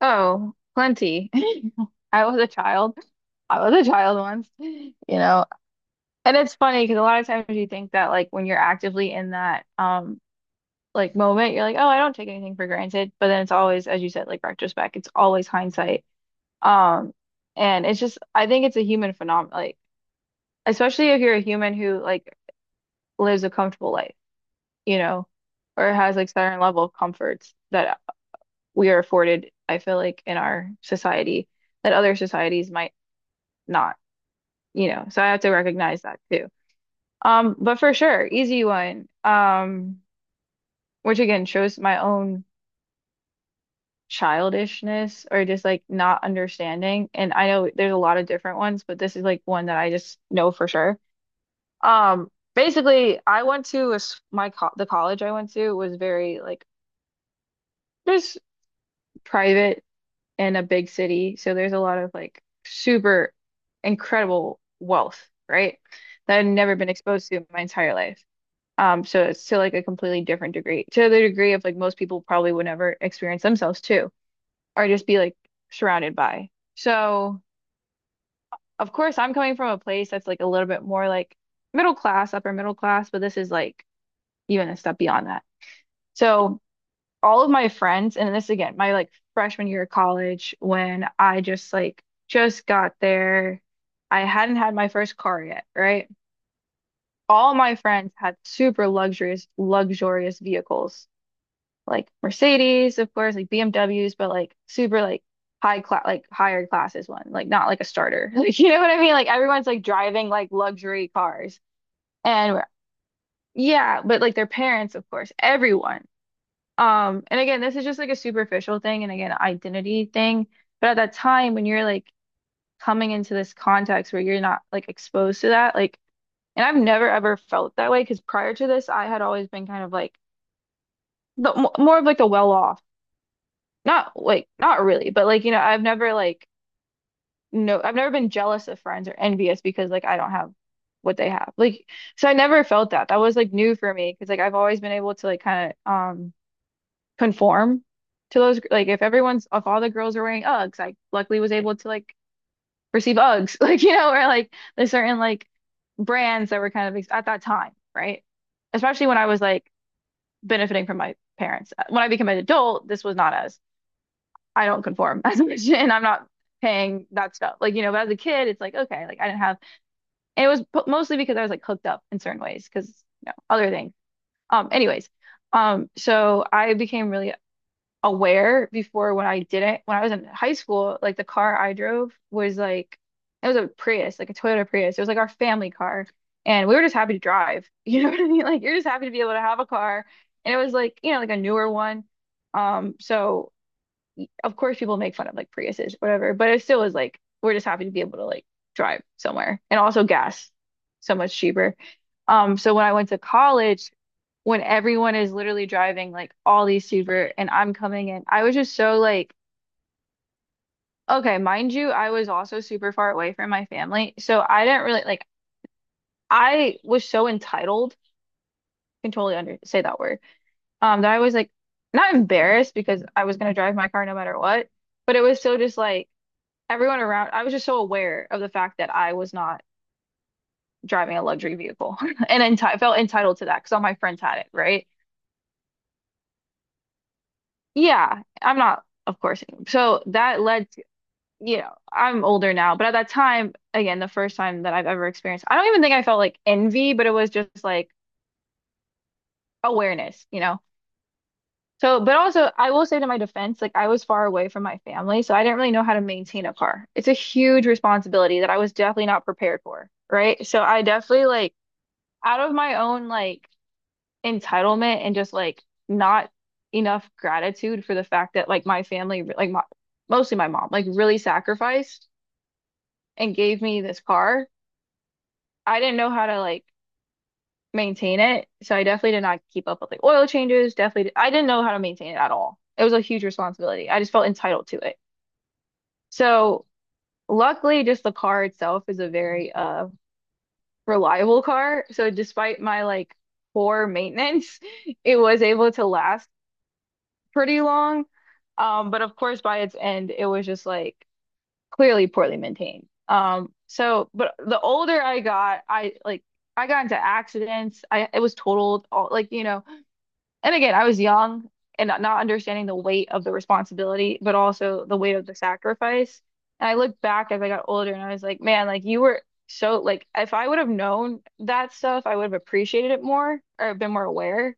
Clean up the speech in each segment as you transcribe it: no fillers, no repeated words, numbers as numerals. Oh, plenty. I was a child. I was a child once, you know. And it's funny because a lot of times you think that like when you're actively in that like moment, you're like, oh, I don't take anything for granted. But then it's always, as you said, like retrospect. It's always hindsight. Um, and it's just I think it's a human phenomenon, like especially if you're a human who like lives a comfortable life, you know, or has like certain level of comforts that we are afforded, I feel like in our society that other societies might not. You know, so I have to recognize that too. But for sure, easy one. Which again shows my own childishness or just like not understanding. And I know there's a lot of different ones, but this is like one that I just know for sure. Basically, I went to a s my co the college I went to was very like just private in a big city, so there's a lot of like super incredible wealth, right? That I've never been exposed to in my entire life. So it's to like a completely different degree, to the degree of like most people probably would never experience themselves too, or just be like surrounded by. So of course I'm coming from a place that's like a little bit more like middle class, upper middle class, but this is like even a step beyond that. So all of my friends, and this again, my like freshman year of college when I just got there, I hadn't had my first car yet, right? All my friends had super luxurious vehicles like Mercedes, of course, like BMWs, but like super like high class like higher classes one, like not like a starter. Like you know what I mean? Like everyone's like driving like luxury cars. And we're- yeah, but like their parents, of course, everyone. And again, this is just like a superficial thing and again, identity thing. But at that time when you're like coming into this context where you're not like exposed to that, like and I've never ever felt that way because prior to this, I had always been kind of like the more of like the well-off, not like not really, but like you know, I've never like no, I've never been jealous of friends or envious because like I don't have what they have. Like so I never felt that. That was like new for me because like I've always been able to like kind of conform to those like if everyone's if all the girls are wearing Uggs, I luckily was able to like receive Uggs, like you know, or like there's certain like brands that were kind of ex at that time, right? Especially when I was like benefiting from my parents. When I became an adult, this was not as I don't conform as a Christian and I'm not paying that stuff. Like, you know, but as a kid, it's like, okay, like I didn't have, and it was mostly because I was like hooked up in certain ways because, you know, other things. Anyways, so I became really aware before when I didn't, when I was in high school, like the car I drove was like, it was a Prius, like a Toyota Prius. It was like our family car. And we were just happy to drive. You know what I mean? Like, you're just happy to be able to have a car. And it was like, you know, like a newer one. So of course people make fun of like Priuses, whatever, but it still is like we're just happy to be able to like drive somewhere and also gas so much cheaper. So when I went to college, when everyone is literally driving like all these super and I'm coming in, I was just so like, okay, mind you, I was also super far away from my family. So I didn't really like I was so entitled, I can totally under say that word, that I was like not embarrassed because I was gonna drive my car no matter what, but it was so just like everyone around, I was just so aware of the fact that I was not driving a luxury vehicle and enti felt entitled to that because all my friends had it, right? Yeah, I'm not, of course. So that led to, you know, I'm older now, but at that time, again, the first time that I've ever experienced, I don't even think I felt like envy, but it was just like awareness, you know? So, but also, I will say to my defense, like I was far away from my family, so I didn't really know how to maintain a car. It's a huge responsibility that I was definitely not prepared for, right? So I definitely like, out of my own like entitlement and just like not enough gratitude for the fact that like my family like my, mostly my mom like really sacrificed and gave me this car. I didn't know how to like maintain it, so I definitely did not keep up with like oil changes, definitely I didn't know how to maintain it at all. It was a huge responsibility. I just felt entitled to it. So luckily just the car itself is a very reliable car. So despite my like poor maintenance, it was able to last pretty long. But of course, by its end, it was just like clearly poorly maintained. But the older I got, I like I got into accidents. I it was totaled all like you know. And again, I was young and not understanding the weight of the responsibility, but also the weight of the sacrifice. And I looked back as I got older, and I was like, man, like you were so like if I would have known that stuff, I would have appreciated it more or been more aware.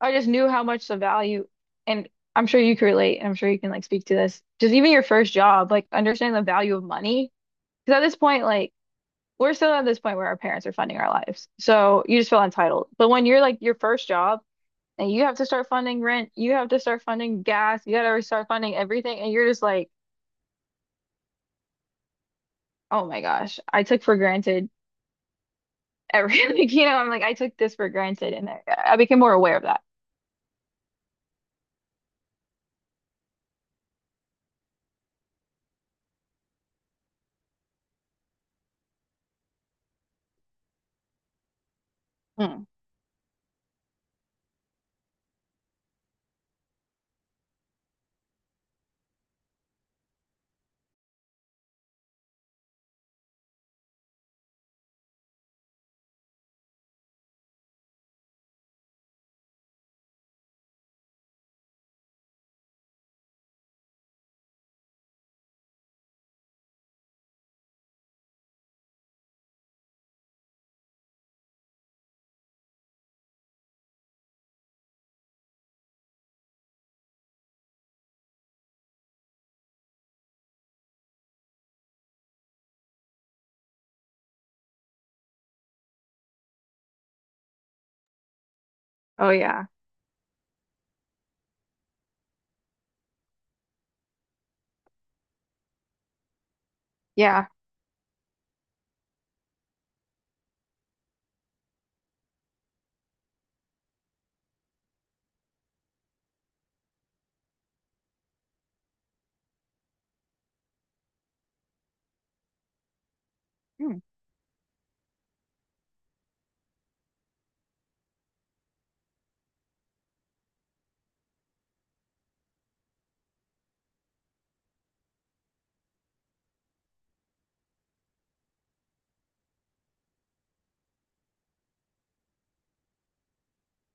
I just knew how much the value, and I'm sure you can relate, and I'm sure you can like speak to this. Just even your first job, like understanding the value of money. Because at this point, like we're still at this point where our parents are funding our lives. So you just feel entitled. But when you're like your first job and you have to start funding rent, you have to start funding gas, you gotta start funding everything, and you're just like, oh my gosh, I took for granted everything. Like, you know, I'm like, I took this for granted, and I became more aware of that. Hmm. Oh yeah. Yeah. Hmm.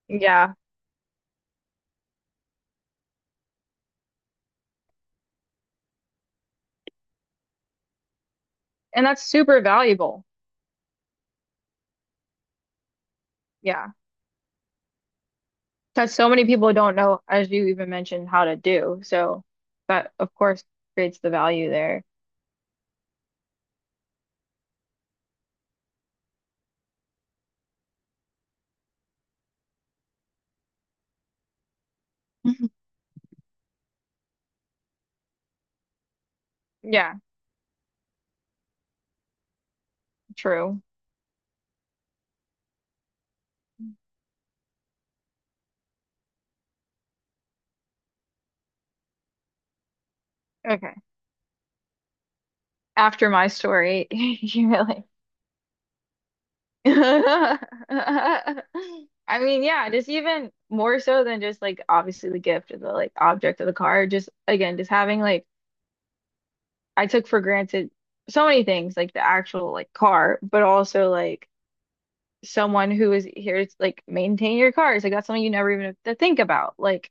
Yeah. And that's super valuable. Yeah, because so many people don't know, as you even mentioned, how to do. So that, of course, creates the value there. Mhm. Yeah, true. Okay. After my story, you really. I mean, yeah, just even more so than just like obviously the gift or the like object of the car. Just again, just having like I took for granted so many things, like the actual like car, but also like someone who is here to like maintain your cars. Like that's something you never even have to think about. Like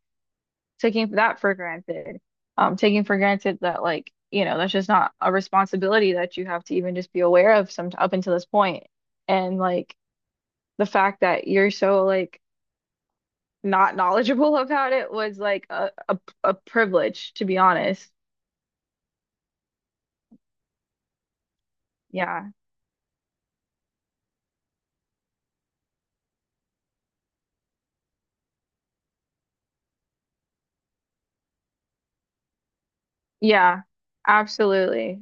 taking that for granted. Taking for granted that like, you know, that's just not a responsibility that you have to even just be aware of some up until this point. And like the fact that you're so like not knowledgeable about it was like a privilege, to be honest. Yeah. Yeah. Absolutely.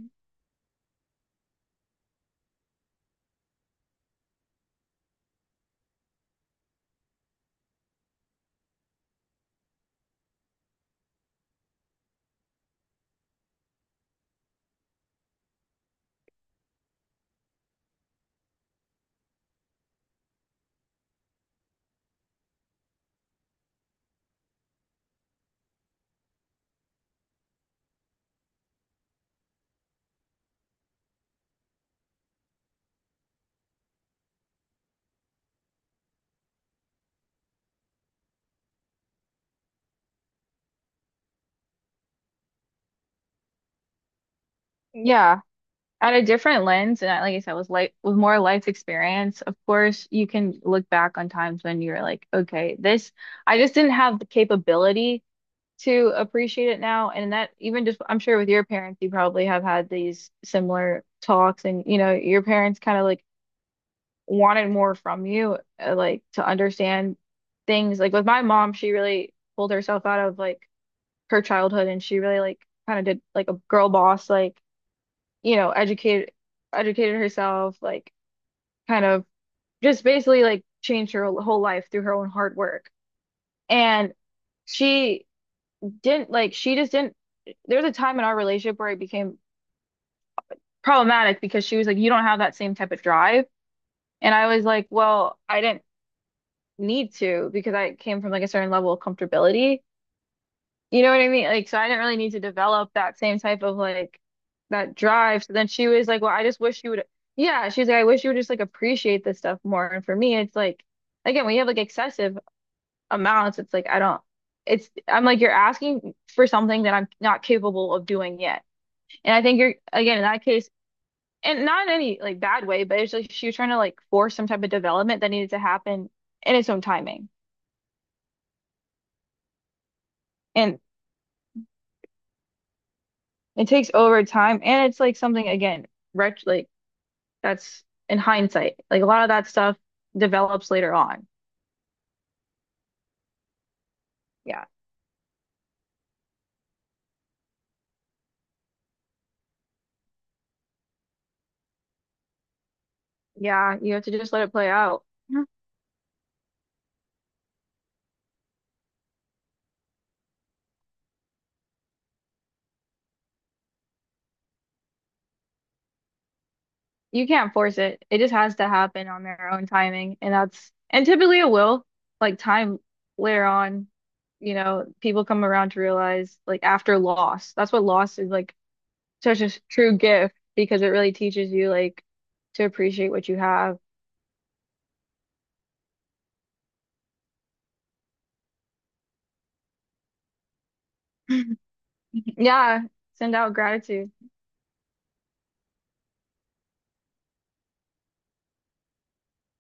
Yeah. At a different lens and like I said with life with more life experience of course you can look back on times when you're like okay this I just didn't have the capability to appreciate it now and that even just I'm sure with your parents you probably have had these similar talks and you know your parents kind of like wanted more from you like to understand things like with my mom she really pulled herself out of like her childhood and she really like kind of did like a girl boss like you know, educated herself, like kind of just basically like changed her whole life through her own hard work. And she didn't like she just didn't there was a time in our relationship where it became problematic because she was like, you don't have that same type of drive. And I was like, well, I didn't need to because I came from like a certain level of comfortability. You know what I mean? Like, so I didn't really need to develop that same type of like that drive. So then she was like, well, I just wish you would, yeah, she's like, I wish you would just like appreciate this stuff more. And for me, it's like, again, when you have like excessive amounts, it's like, I don't, it's, I'm like, you're asking for something that I'm not capable of doing yet. And I think you're, again, in that case, and not in any like bad way, but it's like she was trying to like force some type of development that needed to happen in its own timing. And it takes over time. And it's like something, again, ret like, that's in hindsight. Like a lot of that stuff develops later on. Yeah. Yeah. You have to just let it play out. Mhm. You can't force it. It just has to happen on their own timing. And that's, and typically it will, like time later on, you know, people come around to realize like after loss, that's what loss is like such a true gift because it really teaches you like to appreciate what you have. Yeah. Send out gratitude.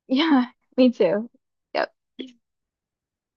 Yeah. Me too. Yep.